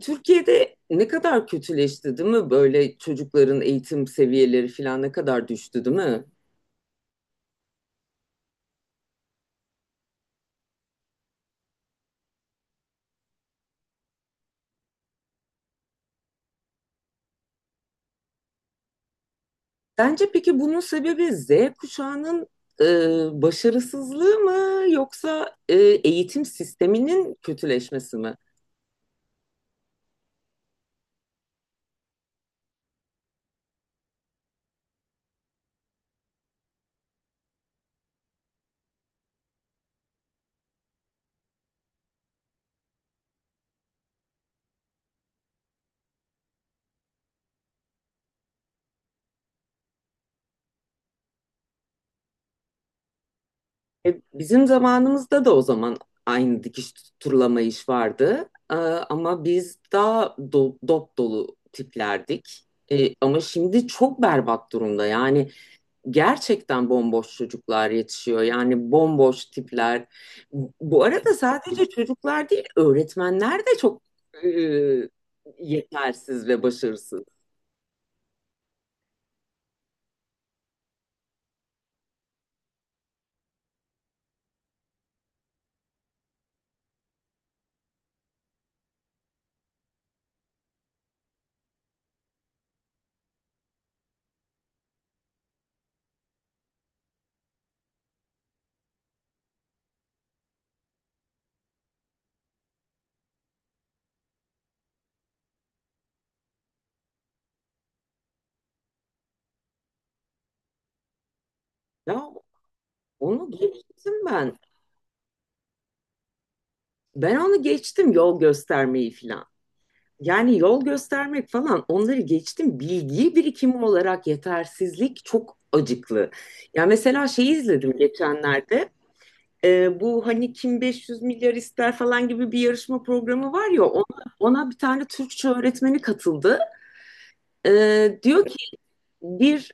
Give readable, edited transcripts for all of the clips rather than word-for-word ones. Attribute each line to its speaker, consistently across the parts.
Speaker 1: Türkiye'de ne kadar kötüleşti, değil mi? Böyle çocukların eğitim seviyeleri falan ne kadar düştü, değil mi? Bence peki bunun sebebi Z kuşağının e, başarısızlığı mı yoksa eğitim sisteminin kötüleşmesi mi? Bizim zamanımızda da o zaman aynı dikiş tutturlama iş vardı. Ama biz daha dop dolu tiplerdik. Ama şimdi çok berbat durumda. Yani gerçekten bomboş çocuklar yetişiyor. Yani bomboş tipler. Bu arada sadece çocuklar değil, öğretmenler de çok e, yetersiz ve başarısız. Ya onu geçtim ben. Ben onu geçtim yol göstermeyi falan. Yani yol göstermek falan onları geçtim. Bilgi birikimi olarak yetersizlik çok acıklı. Ya mesela şey izledim geçenlerde. Bu hani kim 500 milyar ister falan gibi bir yarışma programı var ya ona bir tane Türkçe öğretmeni katıldı. Diyor ki bir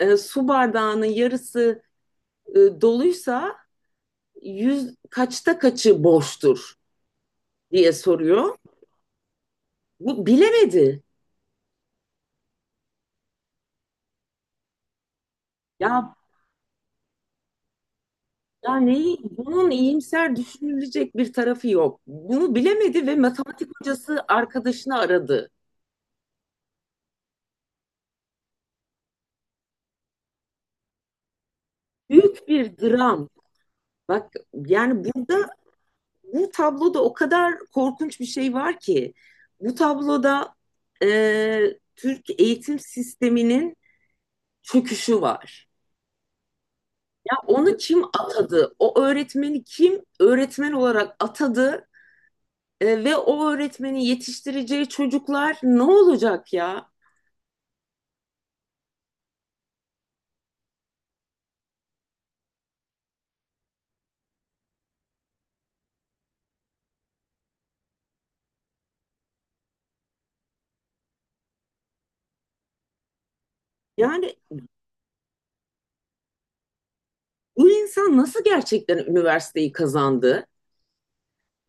Speaker 1: su bardağının yarısı doluysa yüz kaçta kaçı boştur diye soruyor. Bu bilemedi. Ya ya neyi, bunun iyimser düşünülecek bir tarafı yok. Bunu bilemedi ve matematik hocası arkadaşını aradı. Büyük bir dram. Bak yani burada bu tabloda o kadar korkunç bir şey var ki bu tabloda Türk eğitim sisteminin çöküşü var. Ya onu kim atadı? O öğretmeni kim öğretmen olarak atadı? Ve o öğretmeni yetiştireceği çocuklar ne olacak ya? Yani bu insan nasıl gerçekten üniversiteyi kazandı?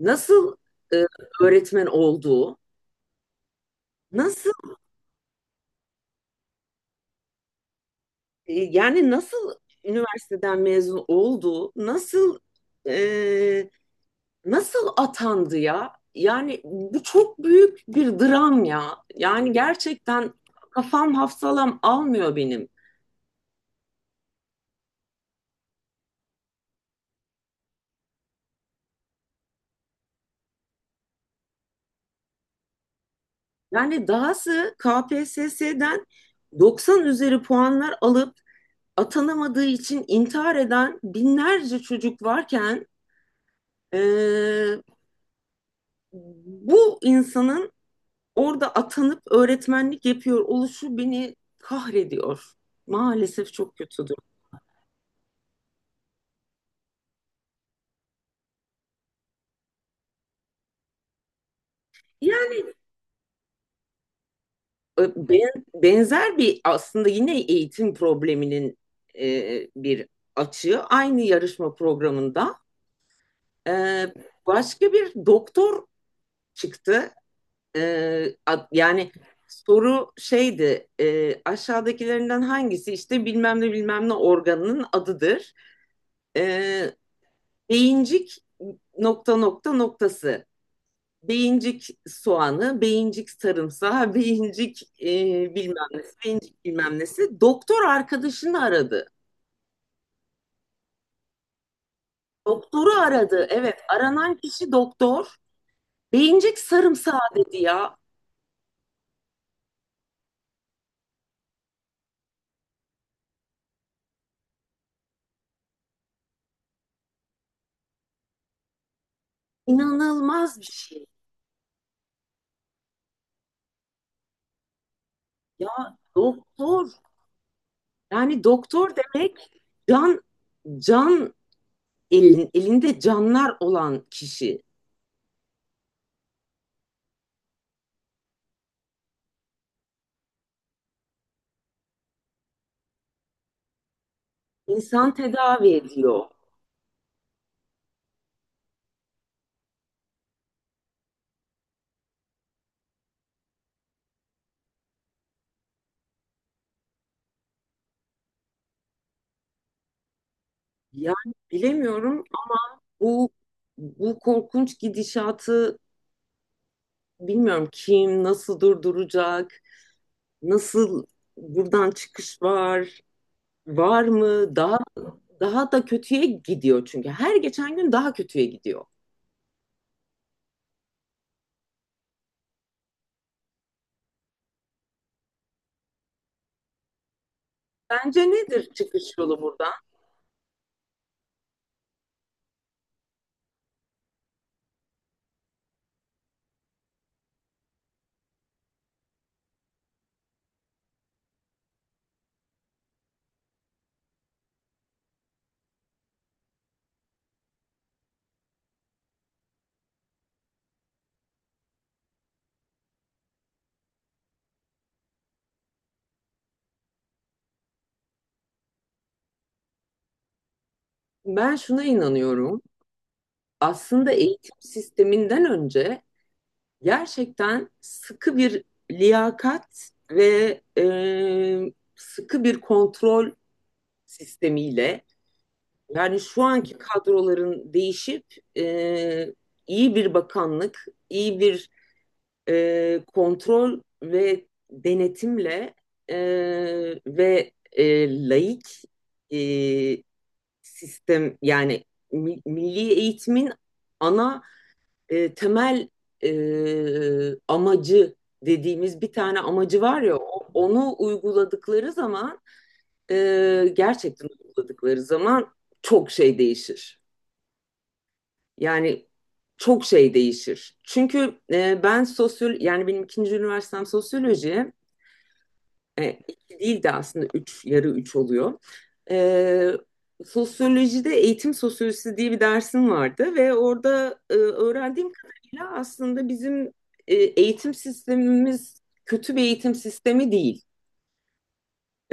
Speaker 1: Nasıl e, öğretmen oldu? Nasıl E, Yani nasıl üniversiteden mezun oldu? E, nasıl atandı ya? Yani bu çok büyük bir dram ya. Yani gerçekten kafam hafsalam almıyor benim. Yani dahası KPSS'den 90 üzeri puanlar alıp atanamadığı için intihar eden binlerce çocuk varken e, bu insanın orada atanıp öğretmenlik yapıyor oluşu beni kahrediyor. Maalesef çok kötüdür. Yani e, benzer bir aslında yine eğitim probleminin bir açığı aynı yarışma programında e, başka bir doktor çıktı. E, yani soru şeydi aşağıdakilerinden hangisi işte bilmem ne bilmem ne organının adıdır. E, beyincik nokta nokta noktası. Beyincik soğanı, beyincik sarımsağı, beyincik bilmem nesi, beyincik bilmem nesi. Doktor arkadaşını aradı. Doktoru aradı. Evet, aranan kişi doktor. Beyincik sarımsağı dedi ya. İnanılmaz bir şey. Ya doktor, yani doktor demek can can, elinde canlar olan kişi. İnsan tedavi ediyor. Yani bilemiyorum bu bu korkunç gidişatı bilmiyorum kim nasıl durduracak, nasıl buradan çıkış var, var mı? Daha da kötüye gidiyor çünkü. Her geçen gün daha kötüye gidiyor. Bence nedir çıkış yolu buradan? Ben şuna inanıyorum. Aslında eğitim sisteminden önce gerçekten sıkı bir liyakat ve sıkı bir kontrol sistemiyle. Yani şu anki kadroların değişip e, iyi bir bakanlık, iyi bir kontrol ve denetimle e, ve laik e, sistem yani milli eğitimin ana temel amacı dediğimiz bir tane amacı var ya onu uyguladıkları zaman gerçekten uyguladıkları zaman çok şey değişir. Yani çok şey değişir. Çünkü ben sosyal yani benim ikinci üniversitem sosyoloji iki değil de aslında üç yarı üç oluyor. E, sosyolojide eğitim sosyolojisi diye bir dersim vardı ve orada öğrendiğim kadarıyla aslında bizim eğitim sistemimiz kötü bir eğitim sistemi değil.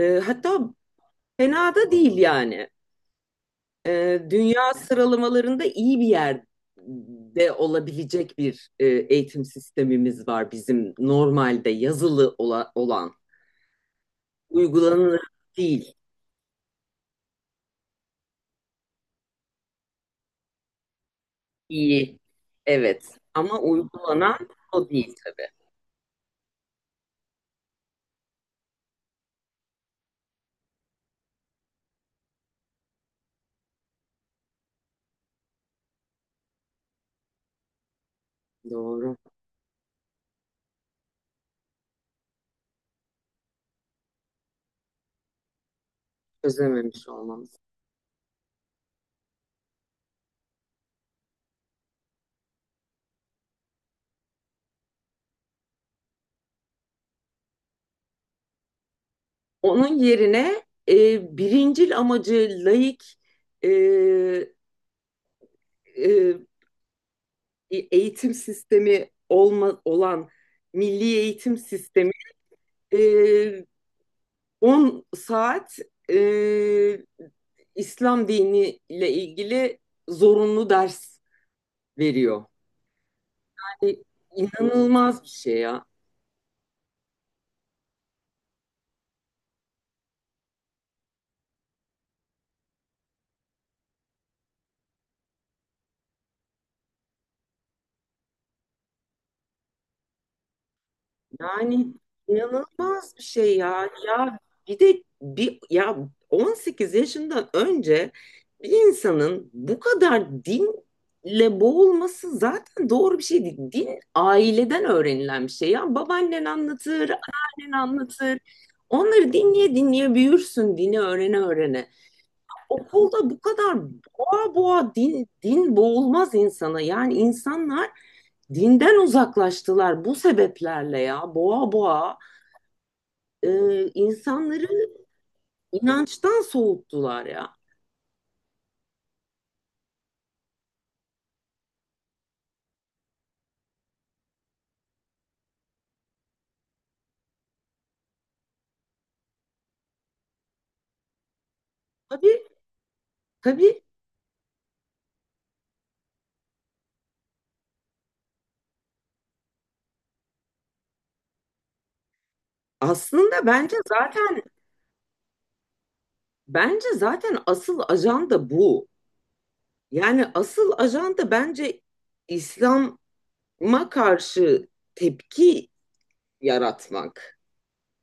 Speaker 1: Hatta fena da değil yani. Dünya sıralamalarında iyi bir yerde olabilecek bir eğitim sistemimiz var bizim normalde yazılı olan. Uygulanır değil. İyi. Evet. Ama uygulanan o değil tabii. Doğru. Çözememiş olmamız. Onun yerine birincil amacı laik e, e, eğitim sistemi olan milli eğitim sistemi e, 10 saat e, İslam diniyle ilgili zorunlu ders veriyor. Yani inanılmaz bir şey ya. Yani inanılmaz bir şey ya. Ya bir de bir ya 18 yaşından önce bir insanın bu kadar dinle boğulması zaten doğru bir şey değil. Din aileden öğrenilen bir şey. Ya babaannen anlatır, annen anlatır. Onları dinleye dinleye büyürsün, dini öğrene öğrene. Okulda bu kadar boğa boğa din boğulmaz insana. Yani insanlar dinden uzaklaştılar bu sebeplerle ya. Boğa boğa e, insanları inançtan soğuttular ya. Tabii tabii aslında bence zaten asıl ajanda bu. Yani asıl ajanda bence İslam'a karşı tepki yaratmak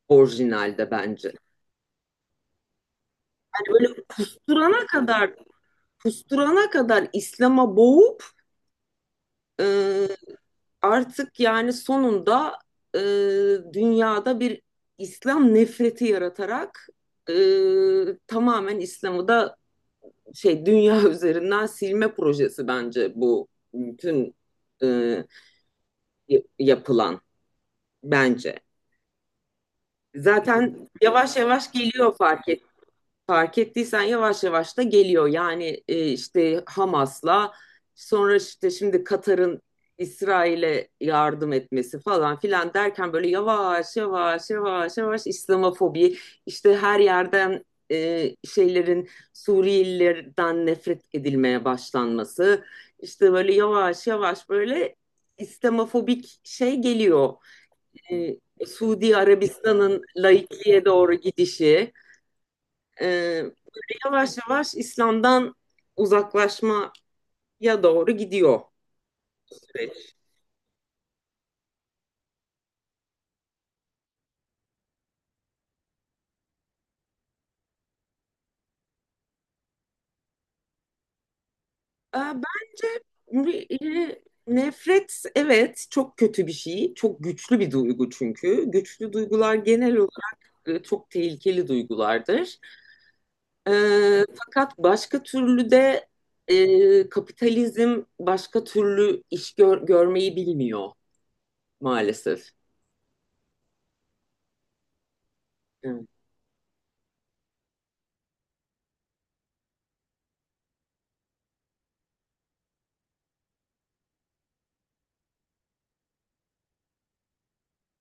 Speaker 1: orijinalde bence. Yani böyle kusturana kadar kusturana kadar İslam'a boğup e, artık yani sonunda e, dünyada bir İslam nefreti yaratarak e, tamamen İslam'ı da şey dünya üzerinden silme projesi bence bu bütün e, yapılan bence. Zaten yavaş yavaş geliyor fark et. Fark ettiysen yavaş yavaş da geliyor. Yani işte Hamas'la sonra işte şimdi Katar'ın İsrail'e yardım etmesi falan filan derken böyle yavaş yavaş yavaş yavaş İslamofobi işte her yerden şeylerin Suriyelilerden nefret edilmeye başlanması işte böyle yavaş yavaş böyle İslamofobik şey geliyor. E, Suudi Arabistan'ın laikliğe doğru gidişi. Böyle yavaş yavaş İslam'dan uzaklaşmaya doğru gidiyor süreç. Bence nefret, evet, çok kötü bir şey. Çok güçlü bir duygu çünkü. Güçlü duygular genel olarak çok tehlikeli duygulardır. Fakat başka türlü de kapitalizm başka türlü iş görmeyi bilmiyor maalesef. Evet,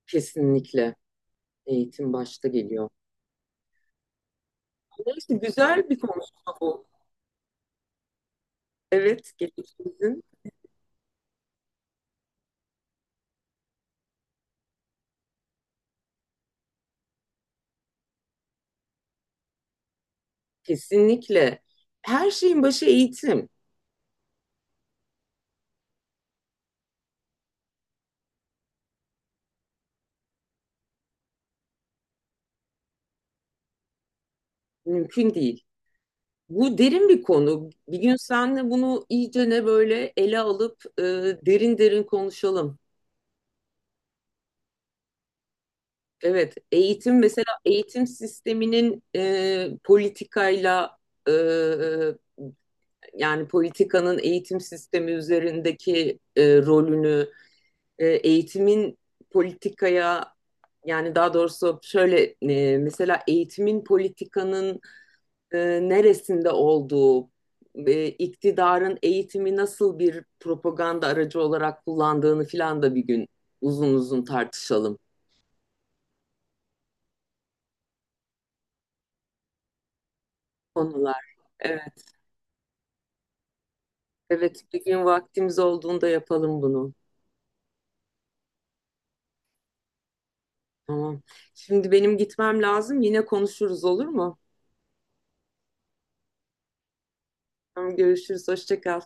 Speaker 1: kesinlikle eğitim başta geliyor. Neyse güzel bir konuşma bu. Evet, geçmişimizin kesinlikle. Her şeyin başı eğitim. Mümkün değil. Bu derin bir konu. Bir gün seninle bunu iyice ne böyle ele alıp derin derin konuşalım. Evet, eğitim mesela eğitim sisteminin politikayla e, yani politikanın eğitim sistemi üzerindeki rolünü eğitimin politikaya yani daha doğrusu şöyle mesela eğitimin politikanın e, neresinde olduğu, iktidarın eğitimi nasıl bir propaganda aracı olarak kullandığını filan da bir gün uzun uzun tartışalım konular. Evet, evet bir gün vaktimiz olduğunda yapalım bunu. Tamam. Şimdi benim gitmem lazım. Yine konuşuruz olur mu? Tamam, görüşürüz. Hoşça kal.